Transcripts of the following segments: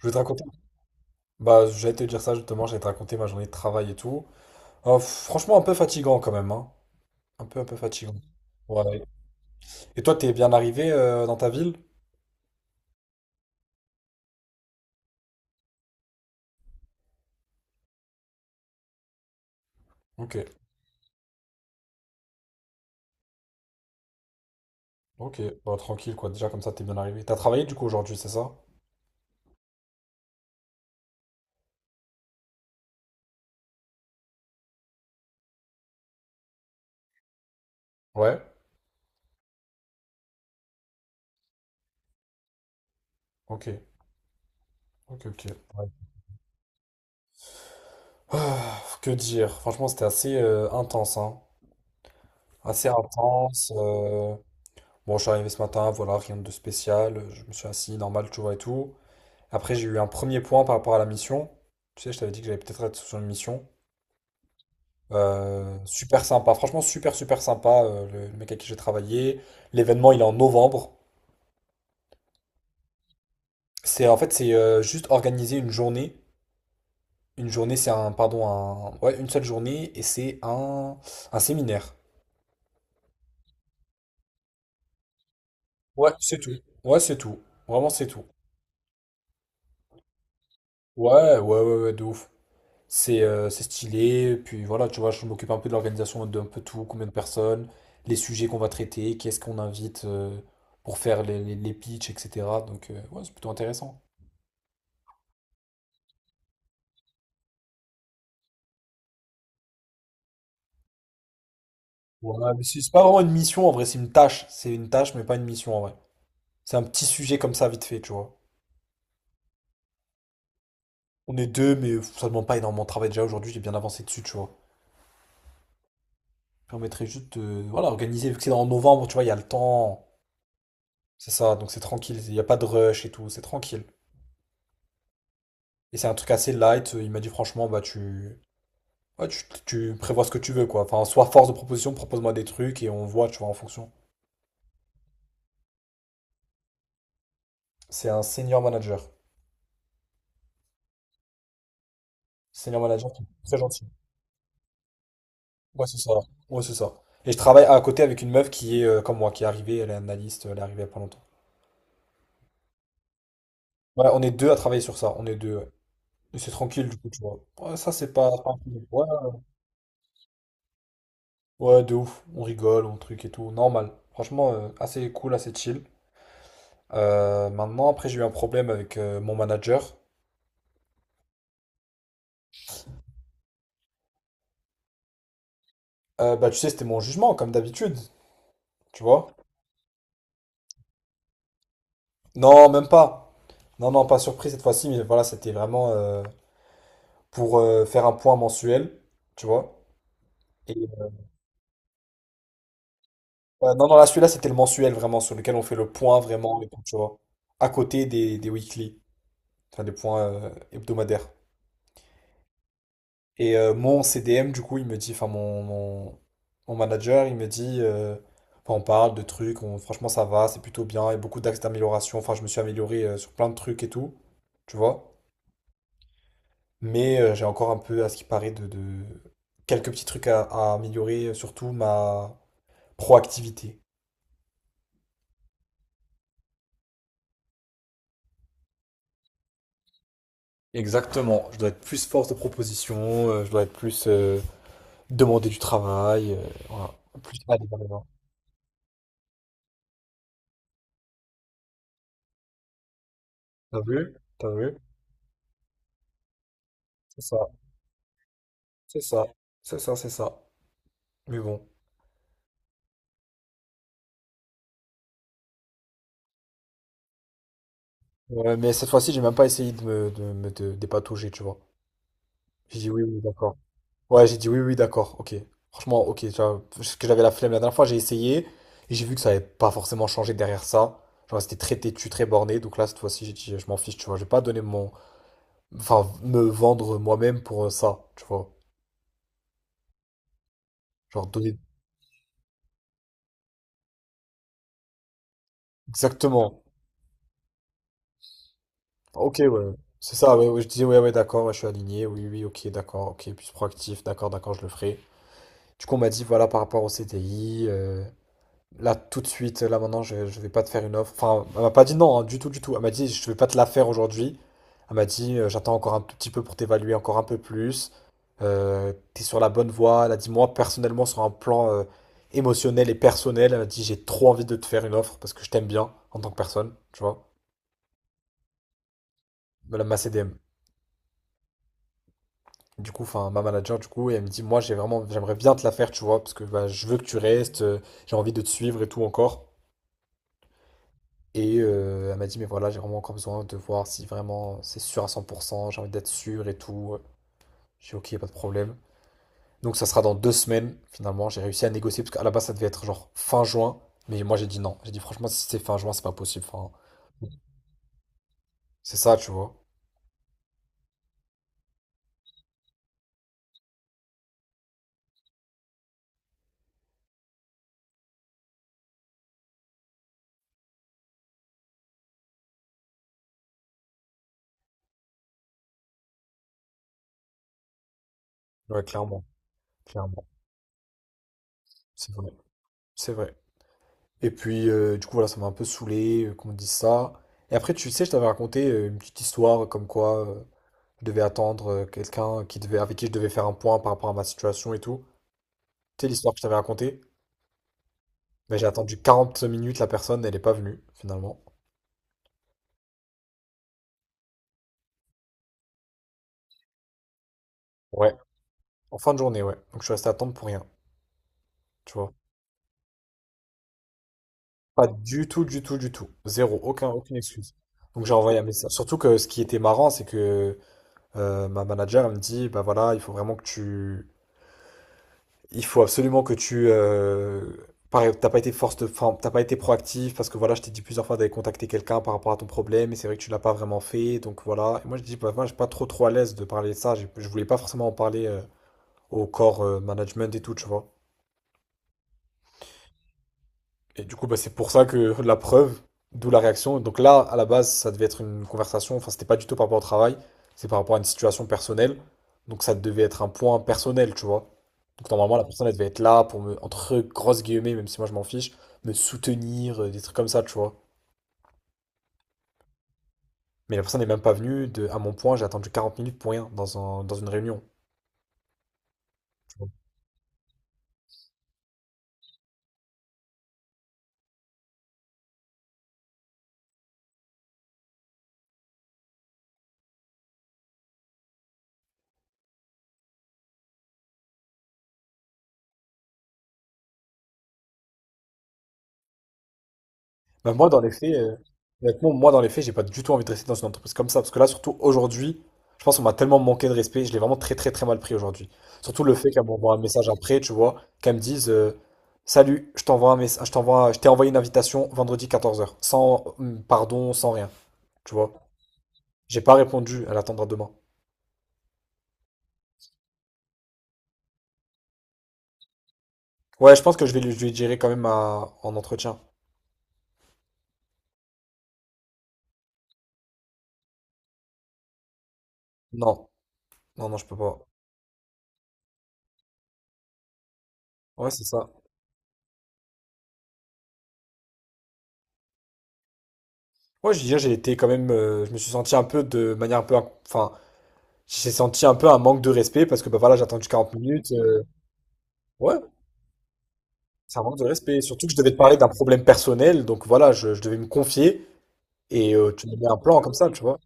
Je vais te raconter. Bah, j'allais te dire ça justement, j'allais te raconter ma journée de travail et tout. Franchement, un peu fatigant quand même, hein. Un peu fatigant. Ouais. Et toi, t'es bien arrivé dans ta ville? Ok, ok. Bah, tranquille, quoi. Déjà, comme ça, t'es bien arrivé. T'as travaillé du coup aujourd'hui, c'est ça? Ouais. Ok, ok, ok. Ouais. Ah, que dire? Franchement, c'était assez intense, hein. Assez intense. Bon, je suis arrivé ce matin, voilà, rien de spécial. Je me suis assis normal, tu vois, et tout. Après, j'ai eu un premier point par rapport à la mission. Tu sais, je t'avais dit que j'allais peut-être être sur une mission. Super sympa, franchement super super sympa le mec avec qui j'ai travaillé. L'événement il est en novembre. C'est en fait c'est juste organiser une journée. Une journée, c'est un pardon un ouais une seule journée, et c'est un séminaire. Ouais, c'est tout. Ouais, c'est tout. Vraiment c'est tout. Ouais, ouais, ouais, ouais, de ouf. C'est stylé, puis voilà, tu vois, je m'occupe un peu de l'organisation d'un peu tout, combien de personnes, les sujets qu'on va traiter, qu'est-ce qu'on invite pour faire les pitchs, etc. Donc, ouais, c'est plutôt intéressant. Ouais, mais c'est pas vraiment une mission en vrai, c'est une tâche. C'est une tâche, mais pas une mission en vrai. C'est un petit sujet comme ça, vite fait, tu vois. On est deux, mais ça demande pas énormément de travail. Déjà aujourd'hui, j'ai bien avancé dessus, tu vois. Ça permettrait juste de, voilà, organiser, vu que c'est en novembre, tu vois, il y a le temps. C'est ça, donc c'est tranquille, il n'y a pas de rush et tout, c'est tranquille. Et c'est un truc assez light, il m'a dit franchement, bah tu, Ouais, tu prévois ce que tu veux, quoi. Enfin, sois force de proposition, propose-moi des trucs et on voit, tu vois, en fonction. C'est un senior manager. Senior manager qui est très gentil. Ouais, c'est ça. Ouais, c'est ça. Et je travaille à côté avec une meuf qui est comme moi, qui est arrivée, elle est analyste, elle est arrivée il y a pas longtemps. Ouais, on est deux à travailler sur ça. On est deux, ouais. Et c'est tranquille, du coup, tu vois. Ouais, ça, c'est pas un problème. Ouais, ouais, de ouf. On rigole, on truc et tout. Normal. Franchement, assez cool, assez chill. Maintenant, après, j'ai eu un problème avec mon manager. Bah, tu sais, c'était mon jugement, comme d'habitude. Tu vois? Non, même pas. Non, non, pas surpris cette fois-ci, mais voilà, c'était vraiment pour faire un point mensuel, tu vois. Et, non, non, là, celui-là, c'était le mensuel vraiment, sur lequel on fait le point vraiment, et tout, tu vois. À côté des weekly, enfin des points hebdomadaires. Et mon CDM, du coup, il me dit, enfin mon manager, il me dit, enfin, on parle de trucs, franchement ça va, c'est plutôt bien, il y a beaucoup d'axes d'amélioration, enfin je me suis amélioré sur plein de trucs et tout, tu vois. Mais j'ai encore un peu, à ce qui paraît, quelques petits trucs à améliorer, surtout ma proactivité. Exactement, je dois être plus force de proposition, je dois être plus demander du travail, voilà. Plus aller vers les gens. T'as vu? T'as vu? C'est ça, c'est ça, c'est ça, c'est ça. Mais bon. Ouais, mais cette fois-ci, j'ai même pas essayé de me dépatouiller, tu vois. J'ai dit oui, oui, d'accord. Ouais, j'ai dit oui, oui, d'accord, ok. Franchement, ok, tu vois, parce que j'avais la flemme la dernière fois, j'ai essayé, et j'ai vu que ça n'avait pas forcément changé derrière ça. Genre, c'était très têtu, très borné, donc là, cette fois-ci, j'ai dit, je m'en fiche, tu vois, je vais pas donner mon... Enfin, me vendre moi-même pour ça, tu vois. Genre, donner... Exactement. Ok, ouais. C'est ça, ouais, ouais, je disais, ouais, ouais, d'accord, ouais, je suis aligné, oui, oui, ok, d'accord, ok, plus proactif, d'accord, d'accord, je le ferai. Du coup, on m'a dit, voilà, par rapport au CDI. Là, tout de suite, là maintenant, je vais pas te faire une offre. Enfin, elle m'a pas dit non, hein, du tout, du tout. Elle m'a dit, je vais pas te la faire aujourd'hui. Elle m'a dit, j'attends encore un tout petit peu pour t'évaluer encore un peu plus. T'es sur la bonne voie. Elle a dit, moi, personnellement, sur un plan émotionnel et personnel, elle m'a dit, j'ai trop envie de te faire une offre parce que je t'aime bien en tant que personne, tu vois. Voilà, ma CDM. Du coup, enfin, ma manager, du coup, et elle me dit, moi, j'ai vraiment, j'aimerais bien te la faire, tu vois, parce que bah, je veux que tu restes, j'ai envie de te suivre et tout encore. Et elle m'a dit, mais voilà, j'ai vraiment encore besoin de voir si vraiment c'est sûr à 100%, j'ai envie d'être sûr et tout. J'ai ok, pas de problème. Donc ça sera dans 2 semaines, finalement. J'ai réussi à négocier, parce qu'à la base, ça devait être genre fin juin. Mais moi, j'ai dit non. J'ai dit, franchement, si c'est fin juin, c'est pas possible. Enfin, c'est ça, tu vois. Ouais, clairement. Clairement. C'est vrai. C'est vrai. Et puis, du coup, voilà, ça m'a un peu saoulé qu'on me dise ça. Et après, tu sais, je t'avais raconté une petite histoire comme quoi je devais attendre quelqu'un qui devait, avec qui je devais faire un point par rapport à ma situation et tout. Sais l'histoire que je t'avais racontée? Mais j'ai attendu 40 minutes, la personne, elle n'est pas venue, finalement. Ouais, en fin de journée, ouais. Donc je suis resté à attendre pour rien, tu vois. Pas du tout, du tout, du tout. Zéro, aucun, aucune excuse. Donc j'ai envoyé un message. Surtout que ce qui était marrant, c'est que ma manager, elle me dit, bah voilà, il faut vraiment que tu... Il faut absolument que tu... Pareil, t'as pas été force de... enfin, t'as pas été proactif parce que voilà, je t'ai dit plusieurs fois d'aller contacter quelqu'un par rapport à ton problème et c'est vrai que tu l'as pas vraiment fait, donc voilà. Et moi je dis, bah moi je suis pas trop trop à l'aise de parler de ça, je voulais pas forcément en parler au corps management et tout, tu vois. Et du coup, bah, c'est pour ça que la preuve, d'où la réaction. Donc là, à la base, ça devait être une conversation, enfin, c'était pas du tout par rapport au travail, c'est par rapport à une situation personnelle. Donc ça devait être un point personnel, tu vois. Donc normalement, la personne, elle devait être là pour me, entre grosses guillemets, même si moi je m'en fiche, me soutenir, des trucs comme ça, tu vois. Mais la personne n'est même pas venue, à mon point, j'ai attendu 40 minutes pour rien dans dans une réunion. Bah, moi, dans les faits, honnêtement, moi, dans les faits, j'ai pas du tout envie de rester dans une entreprise comme ça. Parce que là, surtout aujourd'hui, je pense qu'on m'a tellement manqué de respect. Je l'ai vraiment très, très, très mal pris aujourd'hui. Surtout le fait qu'elle m'envoie un message après, tu vois, qu'elle me dise Salut, je t'envoie un message, je t'ai envoyé une invitation vendredi 14h. Sans rien. Tu vois, j'ai pas répondu. Elle attendra demain. Ouais, je pense que je lui dirai quand même en entretien. Non, non, non, je peux pas. Ouais, c'est ça. Ouais, je veux dire, j'ai été quand même. Je me suis senti un peu de manière un peu. Enfin, j'ai senti un peu un manque de respect parce que bah voilà, j'ai attendu 40 minutes. Ouais, c'est un manque de respect. Surtout que je devais te parler d'un problème personnel, donc voilà, je devais me confier et tu me mets un plan comme ça, tu vois.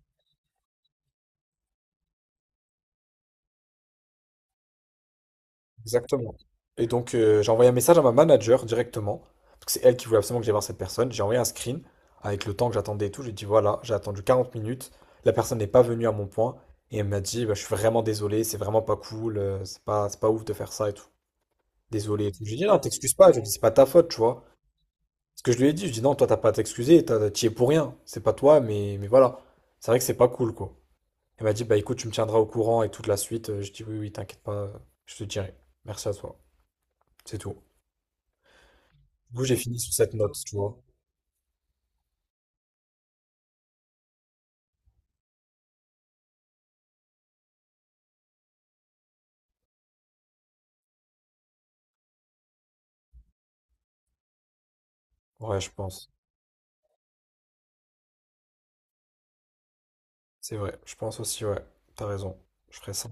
Exactement. Et donc j'ai envoyé un message à ma manager directement, parce que c'est elle qui voulait absolument que j'aille voir cette personne. J'ai envoyé un screen avec le temps que j'attendais et tout. J'ai dit voilà, j'ai attendu 40 minutes, la personne n'est pas venue à mon point et elle m'a dit bah, je suis vraiment désolé, c'est vraiment pas cool, c'est pas ouf de faire ça et tout. Désolé et tout. J'ai dit non, t'excuses pas, je dis c'est pas ta faute, tu vois. Ce que je lui ai dit, je dis non, toi t'as pas à t'excuser, t'y es pour rien, c'est pas toi, mais voilà. C'est vrai que c'est pas cool, quoi. Elle m'a dit, bah écoute, tu me tiendras au courant et toute la suite. Je dis oui, oui, t'inquiète pas, je te dirai. Merci à toi, c'est tout. Du coup, j'ai fini sur cette note, tu vois. Ouais, je pense. C'est vrai, je pense aussi, ouais. T'as raison, je ferai ça.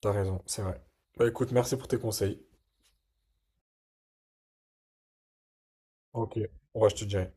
T'as raison, c'est vrai. Bah écoute, merci pour tes conseils. Ok, ouais, je te dirai.